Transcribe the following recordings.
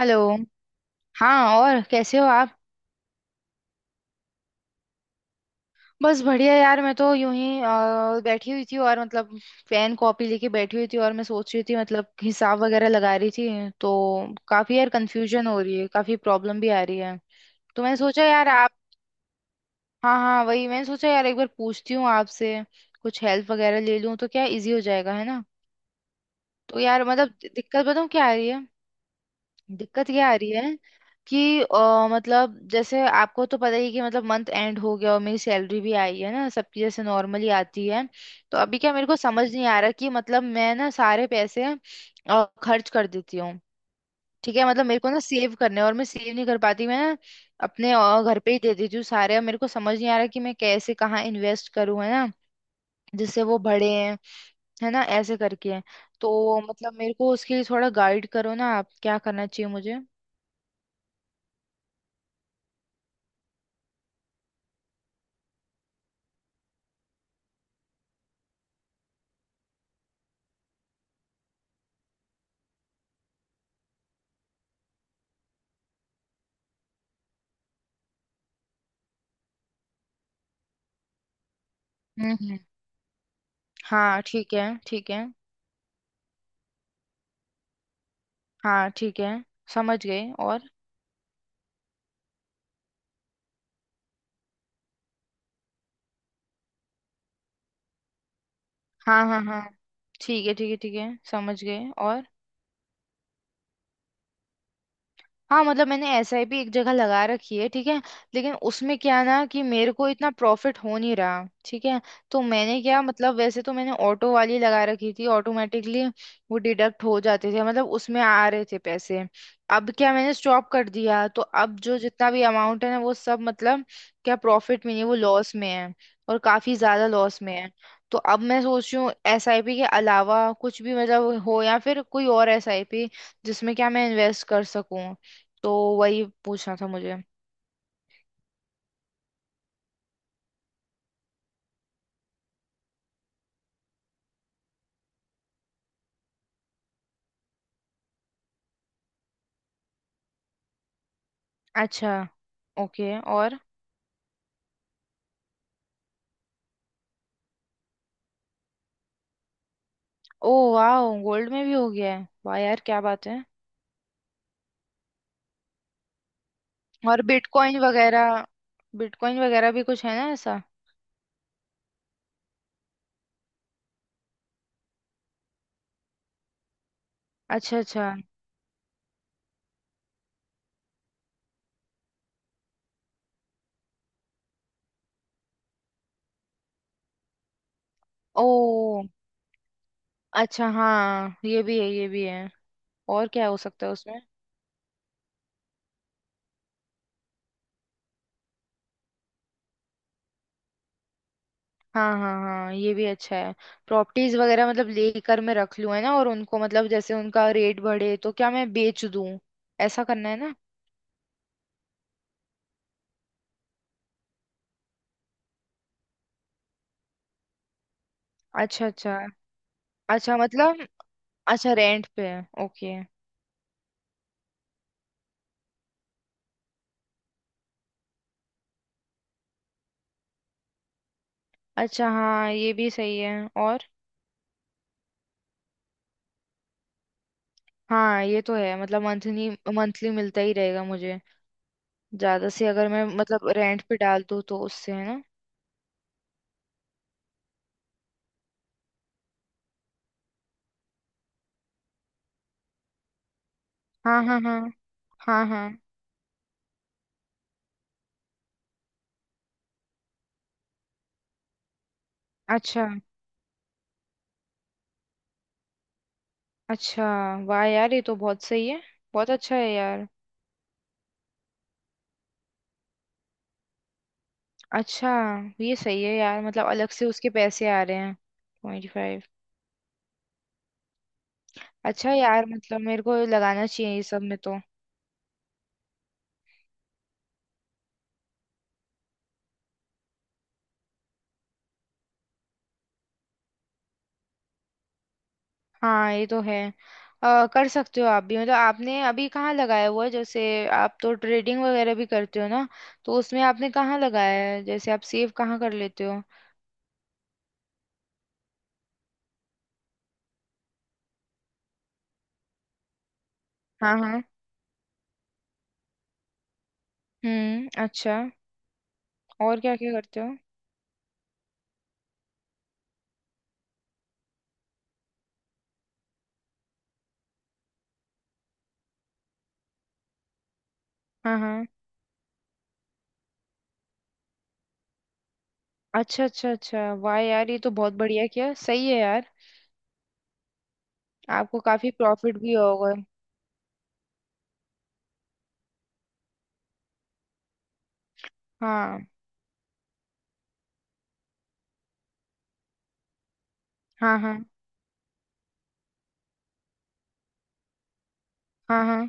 Hello. हाँ, और कैसे हो आप? बस बढ़िया यार, मैं तो यूं ही बैठी हुई थी और मतलब पेन कॉपी लेके बैठी हुई थी। और मैं सोच रही थी मतलब हिसाब वगैरह लगा रही थी, तो काफी यार कंफ्यूजन हो रही है, काफी प्रॉब्लम भी आ रही है। तो मैंने सोचा यार आप। हाँ हाँ, वही मैंने सोचा यार एक बार पूछती हूँ आपसे, कुछ हेल्प वगैरह ले लूँ तो क्या इजी हो जाएगा, है ना। तो यार मतलब दिक्कत बताऊँ क्या आ रही है। दिक्कत क्या आ रही है कि मतलब जैसे आपको तो पता ही है कि मतलब मंथ एंड हो गया और मेरी सैलरी भी आई है ना, सबकी जैसे नॉर्मली आती है। तो अभी क्या मेरे को समझ नहीं आ रहा कि मतलब मैं ना सारे पैसे खर्च कर देती हूँ। ठीक है, मतलब मेरे को ना सेव करने हैं और मैं सेव नहीं कर पाती, मैं ना अपने घर पे ही दे देती हूँ सारे। और मेरे को समझ नहीं आ रहा कि मैं कैसे कहाँ इन्वेस्ट करूँ, है ना, जिससे वो बढ़े हैं, है ना, ऐसे करके। तो मतलब मेरे को उसके लिए थोड़ा गाइड करो ना आप, क्या करना चाहिए मुझे। हम्म। हाँ ठीक है, ठीक है। हाँ ठीक है, समझ गए। और हाँ हाँ हाँ, ठीक है ठीक है ठीक है, समझ गए। और हाँ, मतलब मैंने एसआईपी एक जगह लगा रखी है, ठीक है। लेकिन उसमें क्या है ना कि मेरे को इतना प्रॉफिट हो नहीं रहा, ठीक है। तो मैंने क्या मतलब, वैसे तो मैंने ऑटो वाली लगा रखी थी, ऑटोमेटिकली वो डिडक्ट हो जाते थे, मतलब उसमें आ रहे थे पैसे। अब क्या मैंने स्टॉप कर दिया, तो अब जो जितना भी अमाउंट है ना वो सब मतलब क्या प्रॉफिट में नहीं, वो लॉस में है, और काफी ज्यादा लॉस में है। तो अब मैं सोच रही हूँ एसआईपी के अलावा कुछ भी मतलब हो, या फिर कोई और एसआईपी जिसमें क्या मैं इन्वेस्ट कर सकूं। तो वही पूछना था मुझे। अच्छा, ओके। और ओ वाह, गोल्ड में भी हो गया है, वाह यार क्या बात है। और बिटकॉइन वगैरह, बिटकॉइन वगैरह भी कुछ है ना ऐसा? अच्छा अच्छा। ओ अच्छा, हाँ ये भी है ये भी है। और क्या हो सकता है उसमें? हाँ हाँ हाँ, ये भी अच्छा है। प्रॉपर्टीज वगैरह मतलब लेकर मैं रख लूँ, है ना, और उनको मतलब जैसे उनका रेट बढ़े तो क्या मैं बेच दूँ, ऐसा करना, है ना। अच्छा अच्छा। अच्छा मतलब, अच्छा रेंट पे है, ओके। अच्छा हाँ ये भी सही है। और हाँ ये तो है, मतलब मंथली, मंथली मिलता ही रहेगा मुझे। ज्यादा से अगर मैं मतलब रेंट पे डाल दूँ तो उससे, है ना। हाँ हाँ हाँ। हाँ हाँ, अच्छा अच्छा, वाह यार ये तो बहुत सही है, बहुत अच्छा है यार। अच्छा, ये सही है यार, मतलब अलग से उसके पैसे आ रहे हैं ट्वेंटी फाइव। अच्छा यार, मतलब मेरे को लगाना चाहिए ये सब में तो। हाँ ये तो है। कर सकते हो आप भी, मतलब आपने अभी कहाँ लगाया हुआ है जैसे, आप तो ट्रेडिंग वगैरह भी करते हो ना। तो उसमें आपने कहाँ लगाया है, जैसे आप सेव कहाँ कर लेते हो? हाँ हाँ। हम्म, अच्छा। और क्या क्या करते हो? हाँ हाँ, अच्छा अच्छा अच्छा, वाह यार ये तो बहुत बढ़िया किया, सही है यार। आपको काफी प्रॉफिट भी होगा। हाँ हाँ हाँ हाँ हाँ।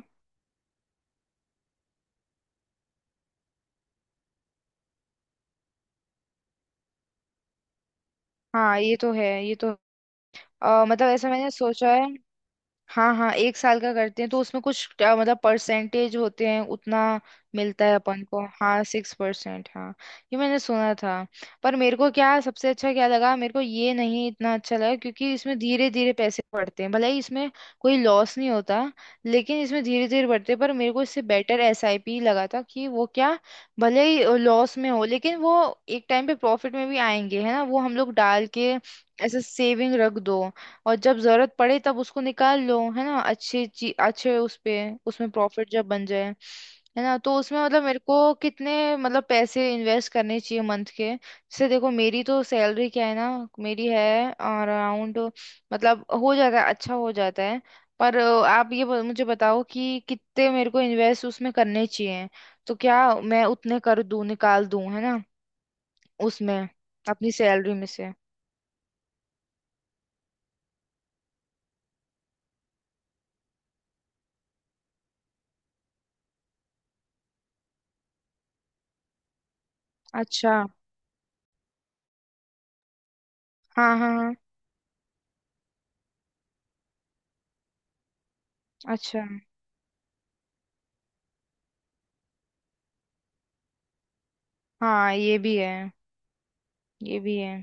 हाँ ये तो है, ये तो मतलब ऐसा मैंने सोचा है। हाँ हाँ, एक साल का करते हैं तो उसमें कुछ मतलब परसेंटेज होते हैं, उतना मिलता है अपन को। हाँ सिक्स परसेंट, हाँ ये मैंने सुना था। पर मेरे को क्या सबसे अच्छा क्या लगा, मेरे को ये नहीं इतना अच्छा लगा क्योंकि इसमें धीरे धीरे पैसे बढ़ते हैं, भले ही इसमें कोई लॉस नहीं होता, लेकिन इसमें धीरे धीरे बढ़ते हैं। पर मेरे को इससे बेटर एसआईपी लगा था, कि वो क्या, भले ही लॉस में हो लेकिन वो एक टाइम पे प्रॉफिट में भी आएंगे, है ना। वो हम लोग डाल के ऐसे सेविंग रख दो, और जब जरूरत पड़े तब उसको निकाल लो, है ना। अच्छी ची, अच्छे उस पे, उसमें प्रॉफिट जब बन जाए, है ना। तो उसमें मतलब मेरे को कितने मतलब पैसे इन्वेस्ट करने चाहिए मंथ के, जैसे देखो मेरी तो सैलरी क्या है ना, मेरी है अराउंड, मतलब हो जाता है, अच्छा हो जाता है। पर आप ये मुझे बताओ कि कितने मेरे को इन्वेस्ट उसमें करने चाहिए, तो क्या मैं उतने कर दूं, निकाल दूं, है ना उसमें, अपनी सैलरी में से। अच्छा हाँ हाँ हाँ। अच्छा हाँ ये भी है, ये भी है।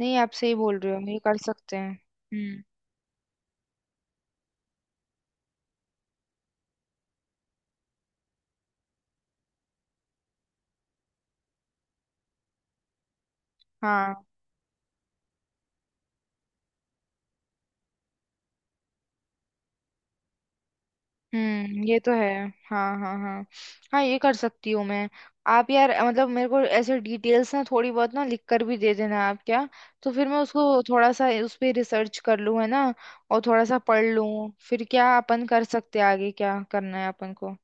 नहीं आप सही बोल रहे हो, ये कर सकते हैं। हम्म। हाँ। हम्म, ये तो है। हाँ हाँ हाँ, हाँ ये कर सकती हूँ मैं। आप यार मतलब मेरे को ऐसे डिटेल्स ना थोड़ी बहुत ना लिख कर भी दे देना आप क्या, तो फिर मैं उसको थोड़ा सा उस पे रिसर्च कर लूँ, है ना, और थोड़ा सा पढ़ लूँ, फिर क्या अपन कर सकते हैं आगे क्या करना है अपन को।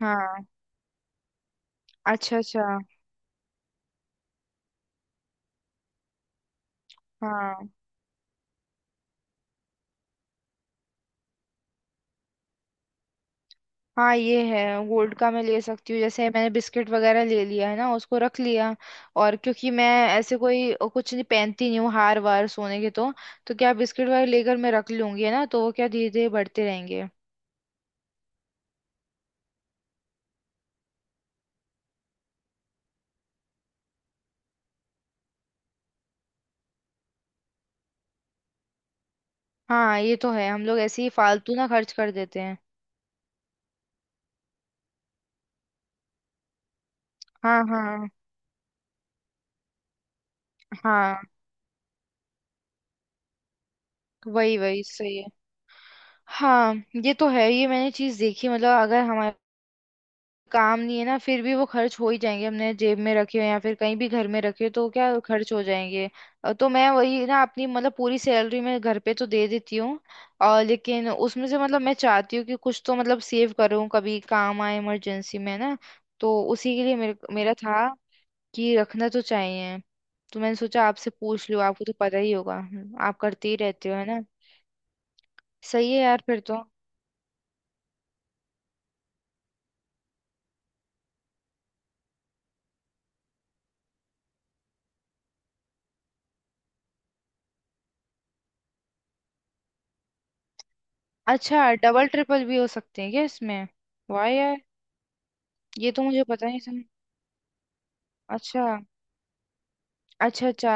हाँ अच्छा अच्छा। हाँ हाँ ये है, गोल्ड का मैं ले सकती हूँ, जैसे मैंने बिस्किट वगैरह ले लिया है ना, उसको रख लिया, और क्योंकि मैं ऐसे कोई कुछ नहीं पहनती नहीं हूँ हार वार सोने के, तो क्या बिस्किट वगैरह लेकर मैं रख लूंगी, है ना, तो वो क्या धीरे धीरे बढ़ते रहेंगे। हाँ ये तो है, हम लोग ऐसे ही फालतू ना खर्च कर देते हैं। हाँ हाँ हाँ, वही वही सही है। हाँ ये तो है, ये मैंने चीज देखी मतलब, अगर हमारे काम नहीं है ना फिर भी वो खर्च हो ही जाएंगे, हमने जेब में रखे हो या फिर कहीं भी घर में रखे हो तो क्या खर्च हो जाएंगे। तो मैं वही ना, अपनी मतलब पूरी सैलरी मैं घर पे तो दे देती हूँ, और लेकिन उसमें से मतलब मैं चाहती हूँ कि कुछ तो मतलब सेव करूँ, कभी काम आए इमरजेंसी में ना, तो उसी के लिए मेरा था कि रखना तो चाहिए। तो मैंने सोचा आपसे पूछ लूँ, आपको तो पता ही होगा, आप करते ही रहते हो, है ना। सही है यार, फिर तो। अच्छा डबल ट्रिपल भी हो सकते हैं क्या इसमें? वाह यार, ये तो मुझे पता नहीं था। अच्छा अच्छा अच्छा।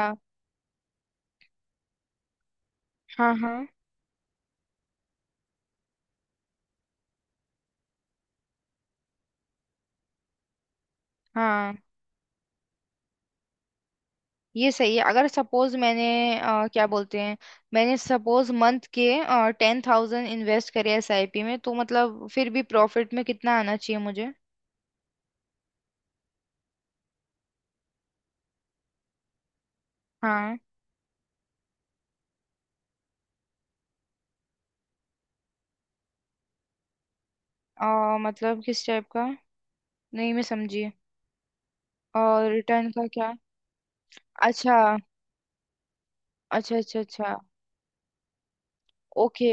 हाँ हाँ हाँ, ये सही है, अगर सपोज मैंने क्या बोलते हैं, मैंने सपोज मंथ के टेन थाउजेंड इन्वेस्ट करे एसआईपी में, तो मतलब फिर भी प्रॉफिट में कितना आना चाहिए मुझे? हाँ मतलब किस टाइप का, नहीं मैं समझी। और रिटर्न का क्या? अच्छा अच्छा अच्छा। अच्छा ओके।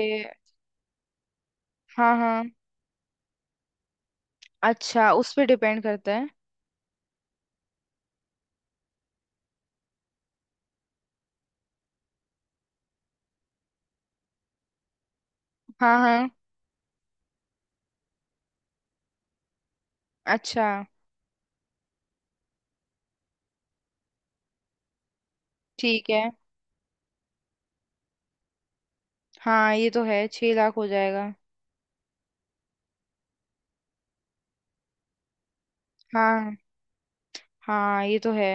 हाँ हाँ, अच्छा उस पर डिपेंड करता है। हाँ हाँ अच्छा, ठीक है। हाँ ये तो है, छह लाख हो जाएगा। हाँ हाँ ये तो है।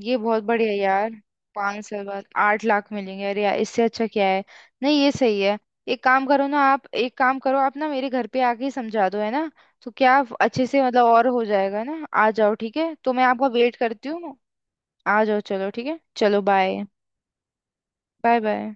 ये बहुत बढ़िया है यार, पाँच साल बाद आठ लाख मिलेंगे, अरे यार इससे अच्छा क्या है। नहीं ये सही है, एक काम करो ना आप, एक काम करो आप ना, मेरे घर पे आके ही समझा दो, है ना। तो क्या आप अच्छे से मतलब और हो जाएगा ना, आ जाओ, ठीक है, तो मैं आपका वेट करती हूँ। आ जाओ, चलो ठीक है, चलो बाय। Bye bye.